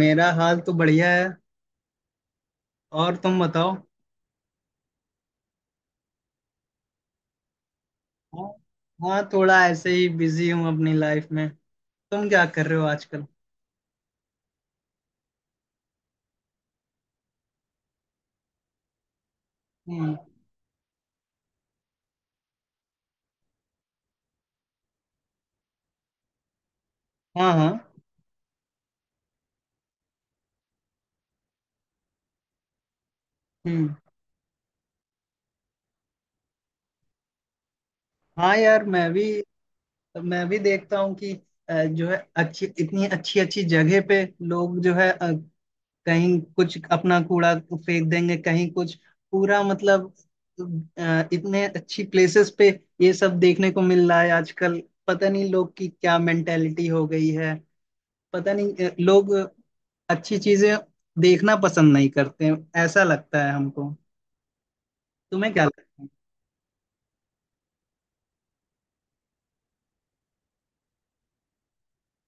मेरा हाल तो बढ़िया है। और तुम बताओ। हाँ। हाँ, थोड़ा ऐसे ही बिजी हूँ अपनी लाइफ में। तुम क्या कर रहे हो आजकल? हम्म। हाँ, हाँ। हम्म। हाँ यार, मैं भी देखता हूँ कि जो है अच्छी, इतनी अच्छी अच्छी जगह पे लोग जो है, कहीं कुछ अपना कूड़ा फेंक देंगे, कहीं कुछ पूरा, मतलब इतने अच्छी प्लेसेस पे ये सब देखने को मिल रहा है आजकल। पता नहीं लोग की क्या मेंटेलिटी हो गई है। पता नहीं, लोग अच्छी चीजें देखना पसंद नहीं करते हैं, ऐसा लगता है हमको। तुम्हें क्या लगता है?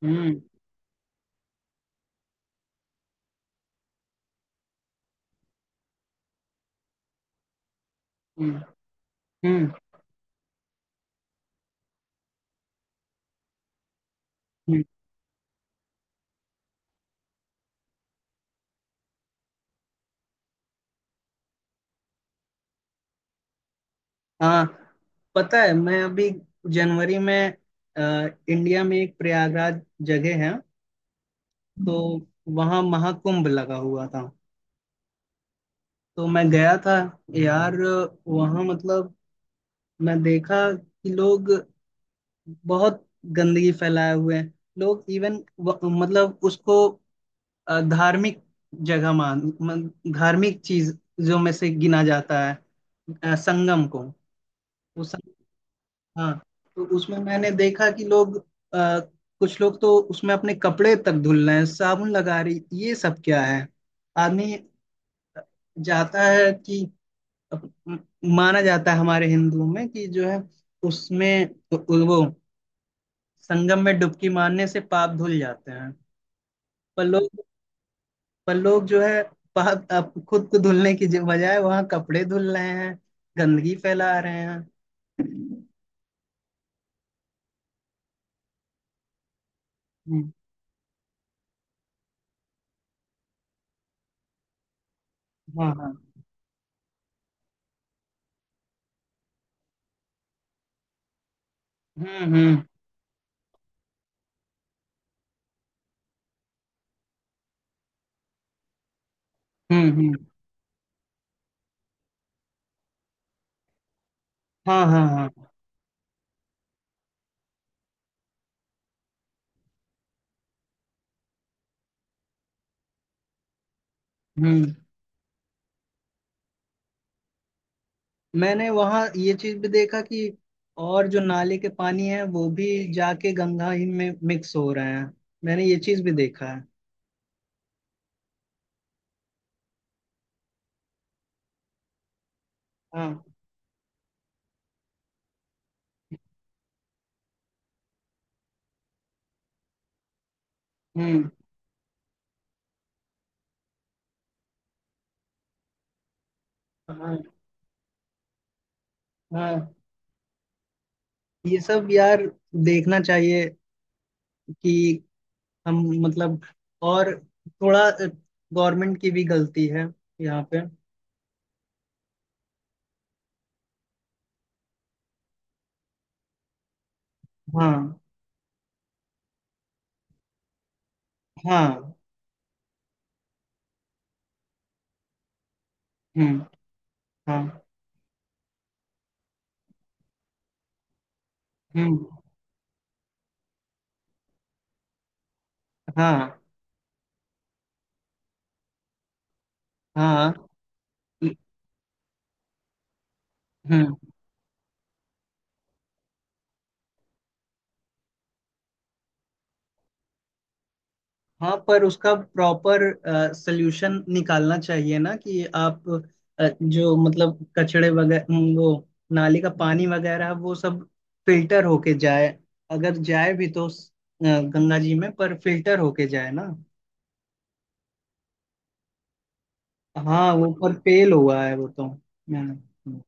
हम्म। हम्म। हम्म। हम्म। हाँ, पता है मैं अभी जनवरी में, इंडिया में एक प्रयागराज जगह है, तो वहाँ महाकुंभ लगा हुआ था। तो मैं गया था यार। वहाँ मतलब मैं देखा कि लोग बहुत गंदगी फैलाए हुए हैं। लोग इवन मतलब उसको धार्मिक जगह धार्मिक चीजों में से गिना जाता है, संगम को। वो संग, हाँ। तो उसमें मैंने देखा कि लोग अ, कुछ लोग तो उसमें अपने कपड़े तक धुल रहे हैं, साबुन लगा रही, ये सब क्या है? आदमी जाता है कि अप- म- माना जाता है हमारे हिंदुओं में कि जो है, उसमें वो संगम में डुबकी मारने से पाप धुल जाते हैं। पर लोग पर लोग जो है, बाहर अब खुद को धुलने की बजाय वहां कपड़े धुल रहे हैं, गंदगी फैला रहे हैं। हम्म। हाँ, हाँ। हम्म। हम्म। हम्म। हम्म। हाँ, हाँ, हाँ। हम्म। मैंने वहाँ ये चीज भी देखा कि और जो नाले के पानी है वो भी जाके गंगा ही में मिक्स हो रहे हैं। मैंने ये चीज भी देखा है। हाँ। हम्म। हाँ, हाँ। ये सब यार देखना चाहिए कि हम मतलब, और थोड़ा गवर्नमेंट की भी गलती है यहाँ पे। हाँ। हाँ। हम्म। हाँ। हम्म। हाँ, हाँ। हम्म। हाँ, पर उसका प्रॉपर सल्यूशन निकालना चाहिए, ना कि आप जो मतलब कचड़े वगैरह, वो नाली का पानी वगैरह वो सब फिल्टर होके जाए। अगर जाए भी तो गंगा जी में पर फिल्टर होके जाए ना। हाँ, वो पर फेल हुआ है वो तो। हम्म। हम्म।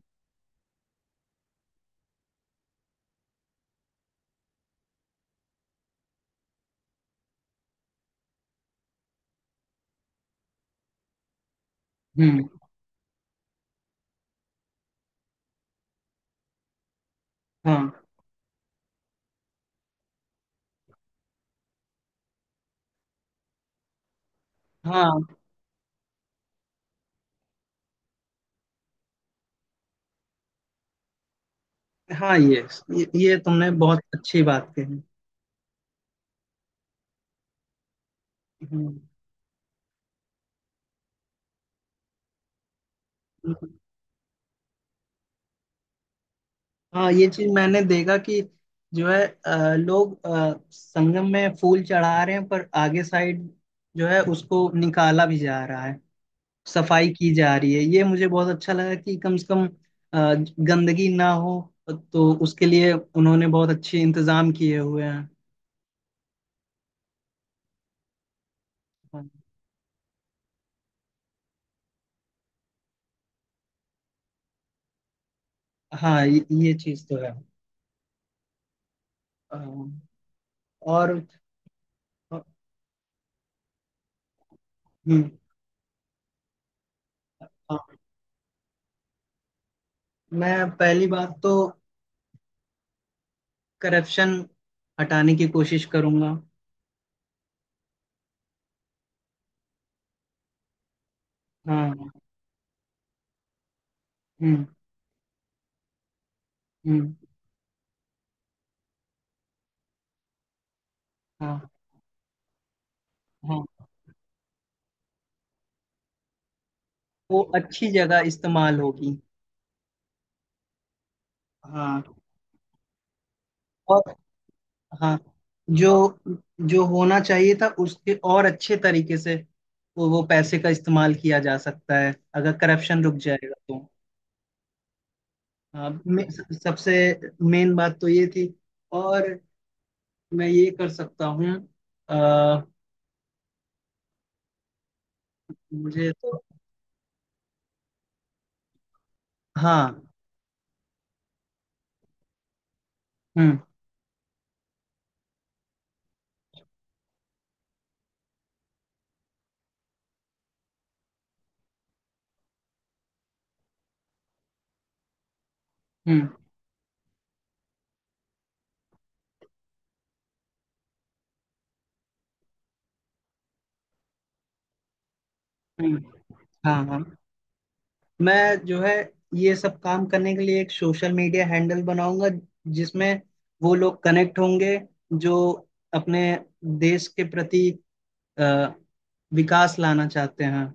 हुँ। हाँ, हाँ, हाँ, ये तुमने बहुत अच्छी बात कही। हुँ। हाँ, ये चीज़ मैंने देखा कि जो है लोग संगम में फूल चढ़ा रहे हैं, पर आगे साइड जो है उसको निकाला भी जा रहा है, सफाई की जा रही है। ये मुझे बहुत अच्छा लगा कि कम से कम गंदगी ना हो, तो उसके लिए उन्होंने बहुत अच्छे इंतजाम किए हुए हैं। हाँ, ये चीज़ तो है। अ, और हुँ। मैं पहली बात तो करप्शन हटाने की कोशिश करूंगा। हाँ। हम्म। हम्म। हाँ, हाँ। वो अच्छी जगह इस्तेमाल होगी। हाँ। और हाँ, जो जो होना चाहिए था उसके और अच्छे तरीके से, वो पैसे का इस्तेमाल किया जा सकता है अगर करप्शन रुक जाएगा तो। हाँ, सबसे मेन बात तो ये थी। और मैं ये कर सकता हूँ, अ, मुझे तो। हाँ। हम्म। हम्म। हम्म। हाँ, हाँ। मैं जो है, ये सब काम करने के लिए एक सोशल मीडिया हैंडल बनाऊंगा, जिसमें वो लोग कनेक्ट होंगे जो अपने देश के प्रति अ, विकास लाना चाहते हैं।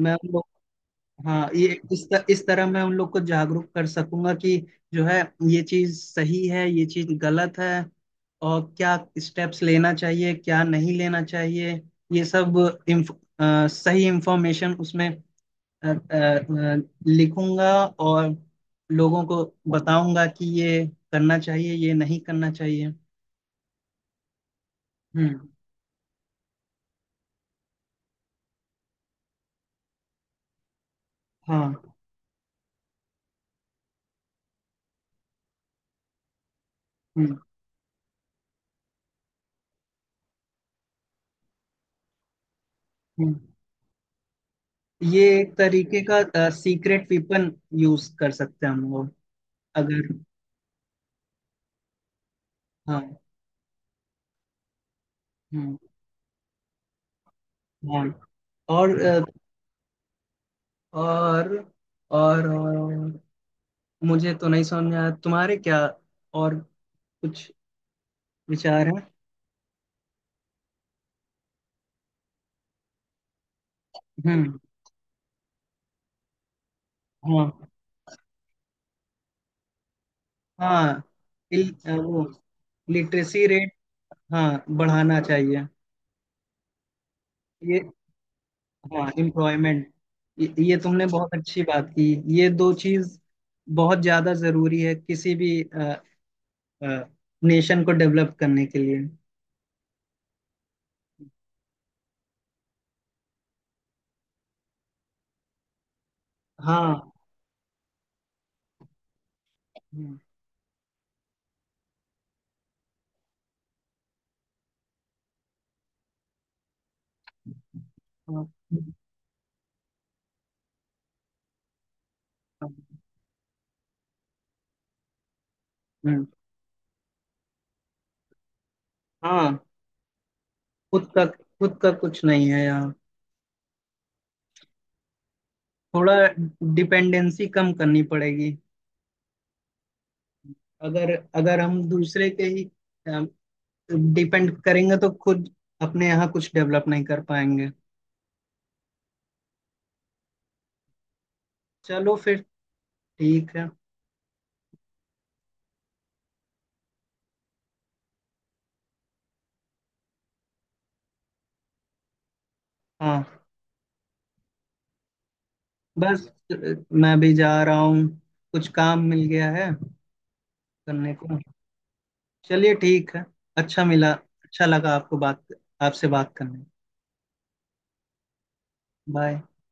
मैं उन लोग हाँ, इस तरह मैं उन लोग को जागरूक कर सकूंगा कि जो है ये चीज सही है ये चीज गलत है। और क्या स्टेप्स लेना चाहिए क्या नहीं लेना चाहिए, ये सब इन्फ, सही इंफॉर्मेशन उसमें अ, अ, अ, लिखूंगा और लोगों को बताऊंगा कि ये करना चाहिए ये नहीं करना चाहिए। हम्म। हाँ। हम्म। हम्म। ये एक तरीके का सीक्रेट वेपन यूज कर सकते हैं हम लोग, अगर। हाँ। हम्म। हाँ। और अ, और और मुझे तो नहीं समझ में आया, तुम्हारे क्या और कुछ विचार हैं? हम्म। हाँ, हाँ। वो लिटरेसी रेट हाँ बढ़ाना चाहिए। ये, हाँ, एम्प्लॉयमेंट, ये तुमने बहुत अच्छी बात की। ये दो चीज बहुत ज्यादा जरूरी है किसी भी नेशन को डेवलप करने के लिए। हाँ। हम्म। हाँ। हम्म। हाँ, खुद का कुछ नहीं है यार। थोड़ा डिपेंडेंसी कम करनी पड़ेगी। अगर अगर हम दूसरे के ही डिपेंड करेंगे तो खुद अपने यहाँ कुछ डेवलप नहीं कर पाएंगे। चलो फिर, ठीक है। हाँ, बस अ, मैं भी जा रहा हूँ, कुछ काम मिल गया है करने को। चलिए ठीक है। अच्छा मिला, अच्छा लगा आपको बात, आपसे बात करने। बाय।